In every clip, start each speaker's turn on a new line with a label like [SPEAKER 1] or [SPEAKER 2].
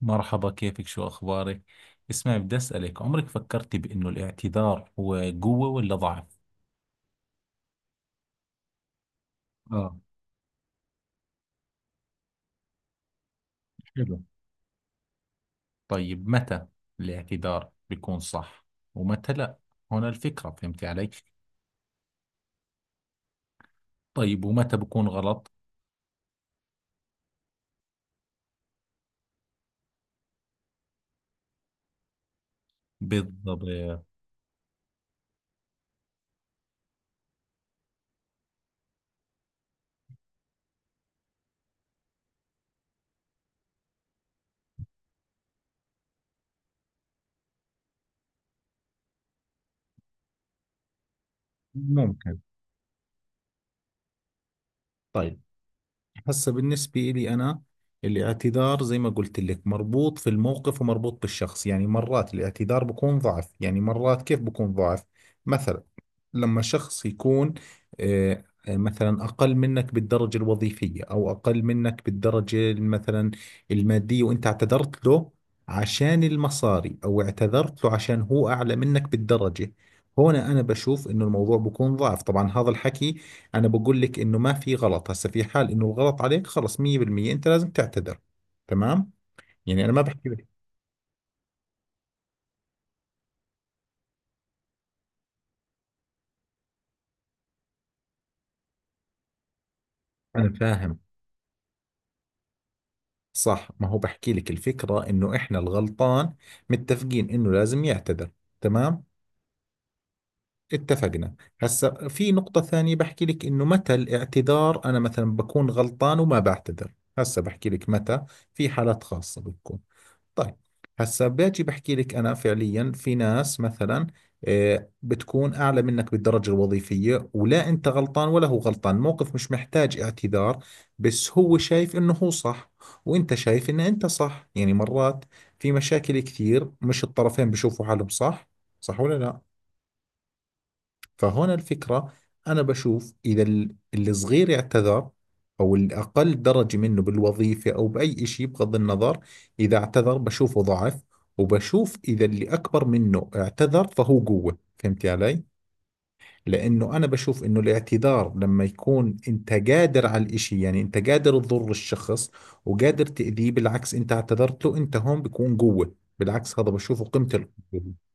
[SPEAKER 1] مرحبا، كيفك؟ شو أخبارك؟ اسمعي، بدي أسألك عمرك فكرتي بأنه الاعتذار هو قوة ولا ضعف؟ اه. حلو. طيب، متى الاعتذار بيكون صح ومتى لا؟ هنا الفكرة، فهمتي علي؟ طيب، ومتى بكون غلط؟ بالضبط. ممكن. طيب، هسه بالنسبة لي أنا الاعتذار زي ما قلت لك مربوط في الموقف ومربوط بالشخص، يعني مرات الاعتذار بكون ضعف. يعني مرات كيف بكون ضعف؟ مثلا لما شخص يكون آه، مثلا أقل منك بالدرجة الوظيفية أو أقل منك بالدرجة مثلا المادية وأنت اعتذرت له عشان المصاري، أو اعتذرت له عشان هو أعلى منك بالدرجة. هنا أنا بشوف إنه الموضوع بكون ضعف. طبعا هذا الحكي أنا بقول لك إنه ما في غلط، هسه في حال إنه الغلط عليك خلص 100% أنت لازم تعتذر. تمام، يعني أنا ما بحكي لك. أنا فاهم. صح، ما هو بحكي لك الفكرة انه احنا الغلطان متفقين انه لازم يعتذر. تمام، اتفقنا. هسا في نقطة ثانية بحكي لك انه متى الاعتذار انا مثلا بكون غلطان وما بعتذر. هسا بحكي لك متى. في حالات خاصة بتكون. طيب، هسا باجي بحكي لك انا فعليا في ناس مثلا بتكون اعلى منك بالدرجه الوظيفيه، ولا انت غلطان ولا هو غلطان، موقف مش محتاج اعتذار، بس هو شايف انه هو صح وانت شايف ان انت صح. يعني مرات في مشاكل كثير مش الطرفين بشوفوا حالهم صح؟ صح ولا لا؟ فهنا الفكرة، أنا بشوف إذا اللي صغير اعتذر أو الأقل درجة منه بالوظيفة أو بأي شيء، بغض النظر إذا اعتذر بشوفه ضعف، وبشوف إذا اللي أكبر منه اعتذر فهو قوة. فهمتي علي؟ لأنه أنا بشوف إنه الاعتذار لما يكون أنت قادر على الإشي، يعني أنت قادر تضر الشخص وقادر تأذيه، بالعكس أنت اعتذرت له، أنت هون بيكون قوة. بالعكس هذا بشوفه قيمة. القوة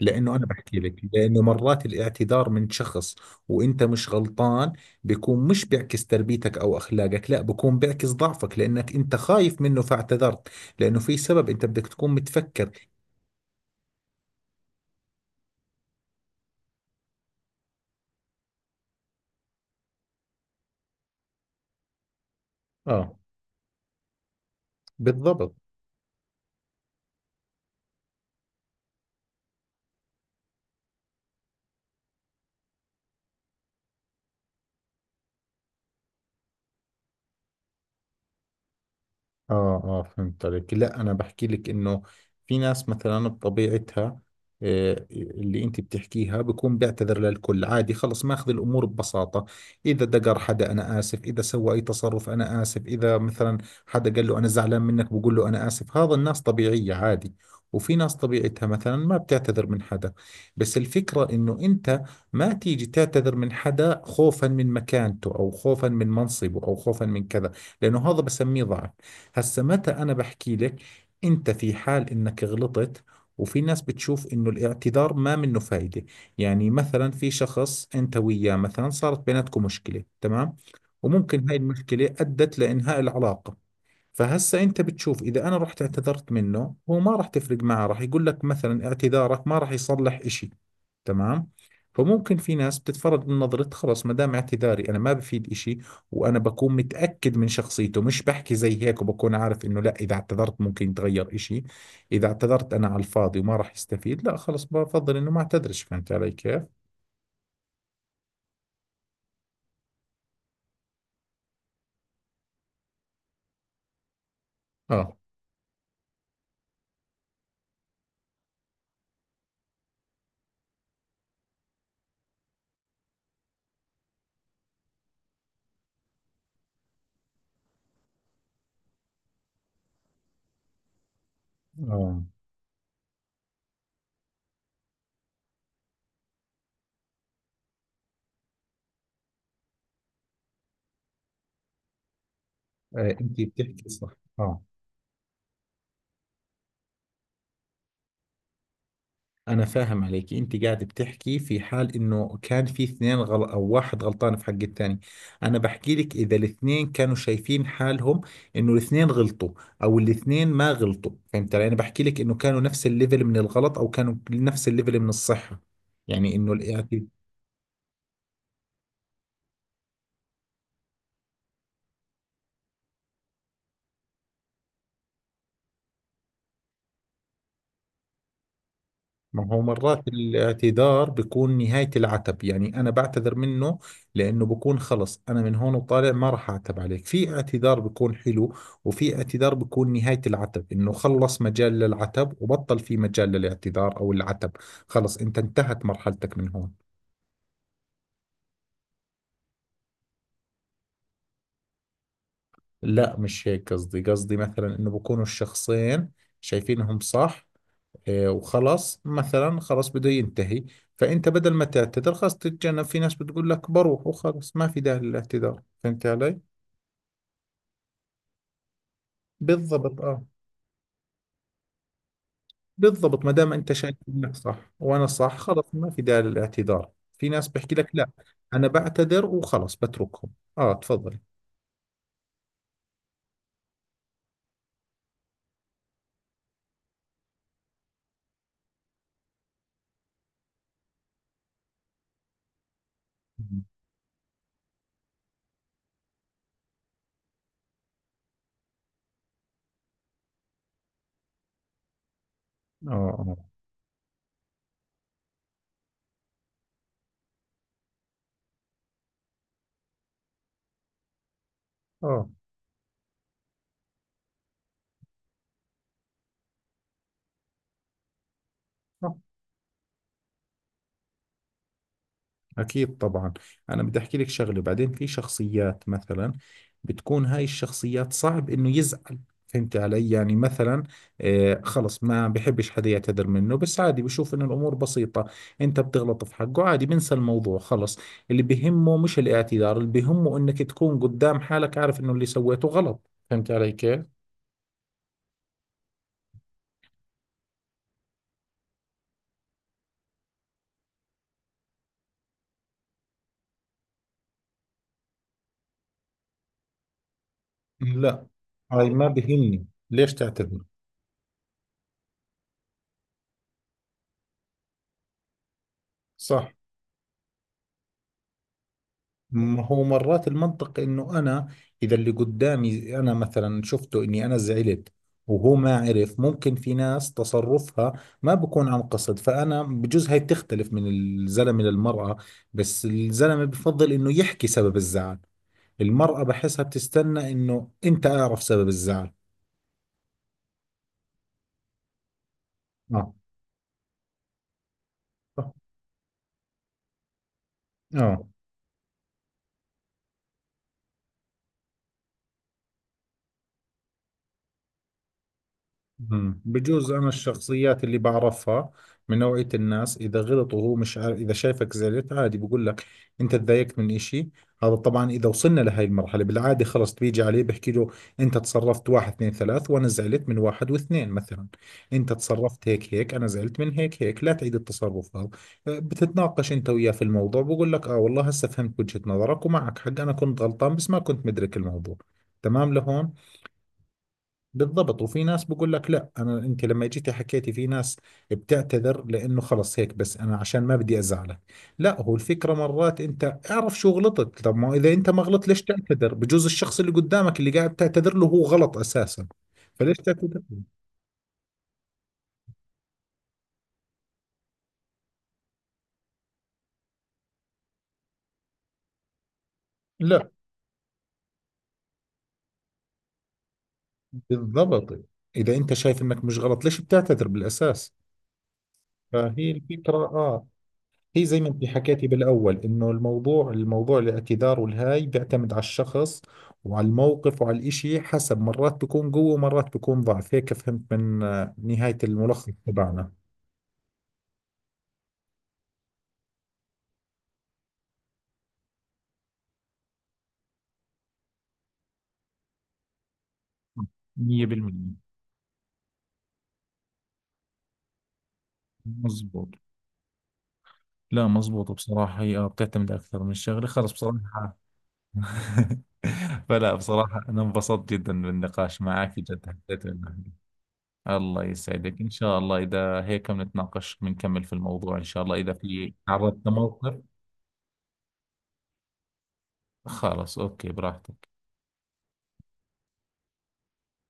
[SPEAKER 1] لانه انا بحكي لك لانه مرات الاعتذار من شخص وانت مش غلطان بيكون مش بيعكس تربيتك او اخلاقك، لا بيكون بيعكس ضعفك لانك انت خايف منه فاعتذرت. لانه في سبب انت بدك تكون متفكر. اه، بالضبط. اه اه، فهمت عليك. لا، انا بحكي لك انه في ناس مثلا بطبيعتها اللي انت بتحكيها بكون بيعتذر للكل عادي، خلص ماخذ الامور ببساطة. اذا دقر حدا انا اسف، اذا سوى اي تصرف انا اسف، اذا مثلا حدا قال له انا زعلان منك بقول له انا اسف. هذا الناس طبيعية، عادي. وفي ناس طبيعتها مثلا ما بتعتذر من حدا. بس الفكرة انه انت ما تيجي تعتذر من حدا خوفا من مكانته او خوفا من منصبه او خوفا من كذا، لانه هذا بسميه ضعف. هسا متى أنا بحكي لك؟ أنت في حال إنك غلطت وفي ناس بتشوف إنه الاعتذار ما منه فايدة. يعني مثلا في شخص أنت وياه مثلا صارت بيناتكم مشكلة، تمام، وممكن هاي المشكلة أدت لإنهاء العلاقة. فهسا انت بتشوف اذا انا رحت اعتذرت منه هو ما راح تفرق معه، راح يقول لك مثلا اعتذارك ما راح يصلح اشي، تمام. فممكن في ناس بتتفرج من نظرة، خلص ما دام اعتذاري انا ما بفيد اشي، وانا بكون متأكد من شخصيته مش بحكي زي هيك، وبكون عارف انه لا، اذا اعتذرت ممكن يتغير اشي. اذا اعتذرت انا على الفاضي وما راح يستفيد لا خلص بفضل انه ما اعتذرش. فهمت علي كيف؟ اه. اه. انت بتحكي صح. اه. أنا فاهم عليك، أنت قاعد بتحكي في حال إنه كان في اثنين أو واحد غلطان في حق الثاني. أنا بحكي لك إذا الاثنين كانوا شايفين حالهم إنه الاثنين غلطوا أو الاثنين ما غلطوا، فهمت علي؟ أنا بحكي لك إنه كانوا نفس الليفل من الغلط أو كانوا نفس الليفل من الصحة. يعني إنه الاعتذار، ما هو مرات الاعتذار بيكون نهاية العتب. يعني أنا بعتذر منه لأنه بكون خلص أنا من هون وطالع ما راح أعتب عليك. في اعتذار بيكون حلو، وفي اعتذار بيكون نهاية العتب إنه خلص مجال للعتب وبطل في مجال للاعتذار أو العتب. خلص أنت انتهت مرحلتك من هون. لا، مش هيك قصدي. قصدي مثلا إنه بكونوا الشخصين شايفينهم صح. إيه، وخلاص مثلا خلاص بده ينتهي. فانت بدل ما تعتذر خلاص تتجنب، في ناس بتقول لك بروح وخلاص ما في داعي للاعتذار، فهمت علي؟ بالضبط، اه. بالضبط، ما دام انت شايف انك صح وانا صح خلاص ما في داعي للاعتذار. في ناس بحكي لك لا، انا بعتذر وخلاص بتركهم. اه، تفضل. اه. اه. اه. أكيد، طبعا. أنا بدي أحكي لك شغلة بعدين، في شخصيات مثلا بتكون هاي الشخصيات صعب إنه يزعل، فهمت علي؟ يعني مثلا خلص ما بحبش حدا يعتذر منه، بس عادي بشوف إنه الأمور بسيطة. أنت بتغلط في حقه عادي بنسى الموضوع خلص. اللي بهمه مش الاعتذار، اللي بهمه إنك تكون قدام حالك عارف إنه اللي سويته غلط، فهمت علي كيف؟ لا. هاي ما بهمني ليش تعتذر. صح، ما هو مرات المنطق انه انا اذا اللي قدامي انا مثلا شفته اني انا زعلت وهو ما عرف، ممكن في ناس تصرفها ما بكون عن قصد. فانا بجوز هاي بتختلف من الزلمه للمراه، بس الزلمه بفضل انه يحكي سبب الزعل، المراه بحسها بتستنى انه انت اعرف سبب الزعل. اه. اه. مم. بجوز انا الشخصيات اللي بعرفها من نوعية الناس اذا غلطوا هو مش عارف، اذا شايفك زعلت عادي بقول لك انت تضايقت من اشي. هذا طبعا اذا وصلنا لهي المرحلة، بالعادة خلص بيجي عليه بحكي له انت تصرفت واحد اثنين ثلاث وانا زعلت من واحد واثنين، مثلا انت تصرفت هيك هيك انا زعلت من هيك هيك، لا تعيد التصرف هذا. بتتناقش انت وياه في الموضوع، بقول لك اه والله هسه فهمت وجهة نظرك ومعك حق، انا كنت غلطان بس ما كنت مدرك الموضوع، تمام لهون. بالضبط. وفي ناس بقول لك لا، انا انت لما جيتي حكيتي، في ناس بتعتذر لانه خلص هيك بس انا عشان ما بدي ازعلك. لا، هو الفكره مرات انت اعرف شو غلطت. طب ما اذا انت ما غلطت ليش تعتذر؟ بجوز الشخص اللي قدامك اللي قاعد تعتذر له هو غلط اساسا. فليش تعتذر له؟ لا، بالضبط. اذا انت شايف انك مش غلط ليش بتعتذر بالاساس؟ فهي الفكره، اه. هي زي ما انت حكيتي بالاول انه الموضوع الاعتذار والهاي بيعتمد على الشخص وعلى الموقف وعلى الاشي حسب. مرات بيكون قوة ومرات بيكون ضعف، هيك فهمت من نهاية الملخص تبعنا. 100%. مزبوط. لا مزبوط، بصراحة هي بتعتمد أكثر من شغلة خلص، بصراحة. فلا بصراحة أنا انبسطت جدا بالنقاش معك، جدا حسيت الله يسعدك إن شاء الله، إذا هيك بنتناقش بنكمل في الموضوع إن شاء الله إذا في تعرضت لموقف. خلاص، اوكي، براحتك.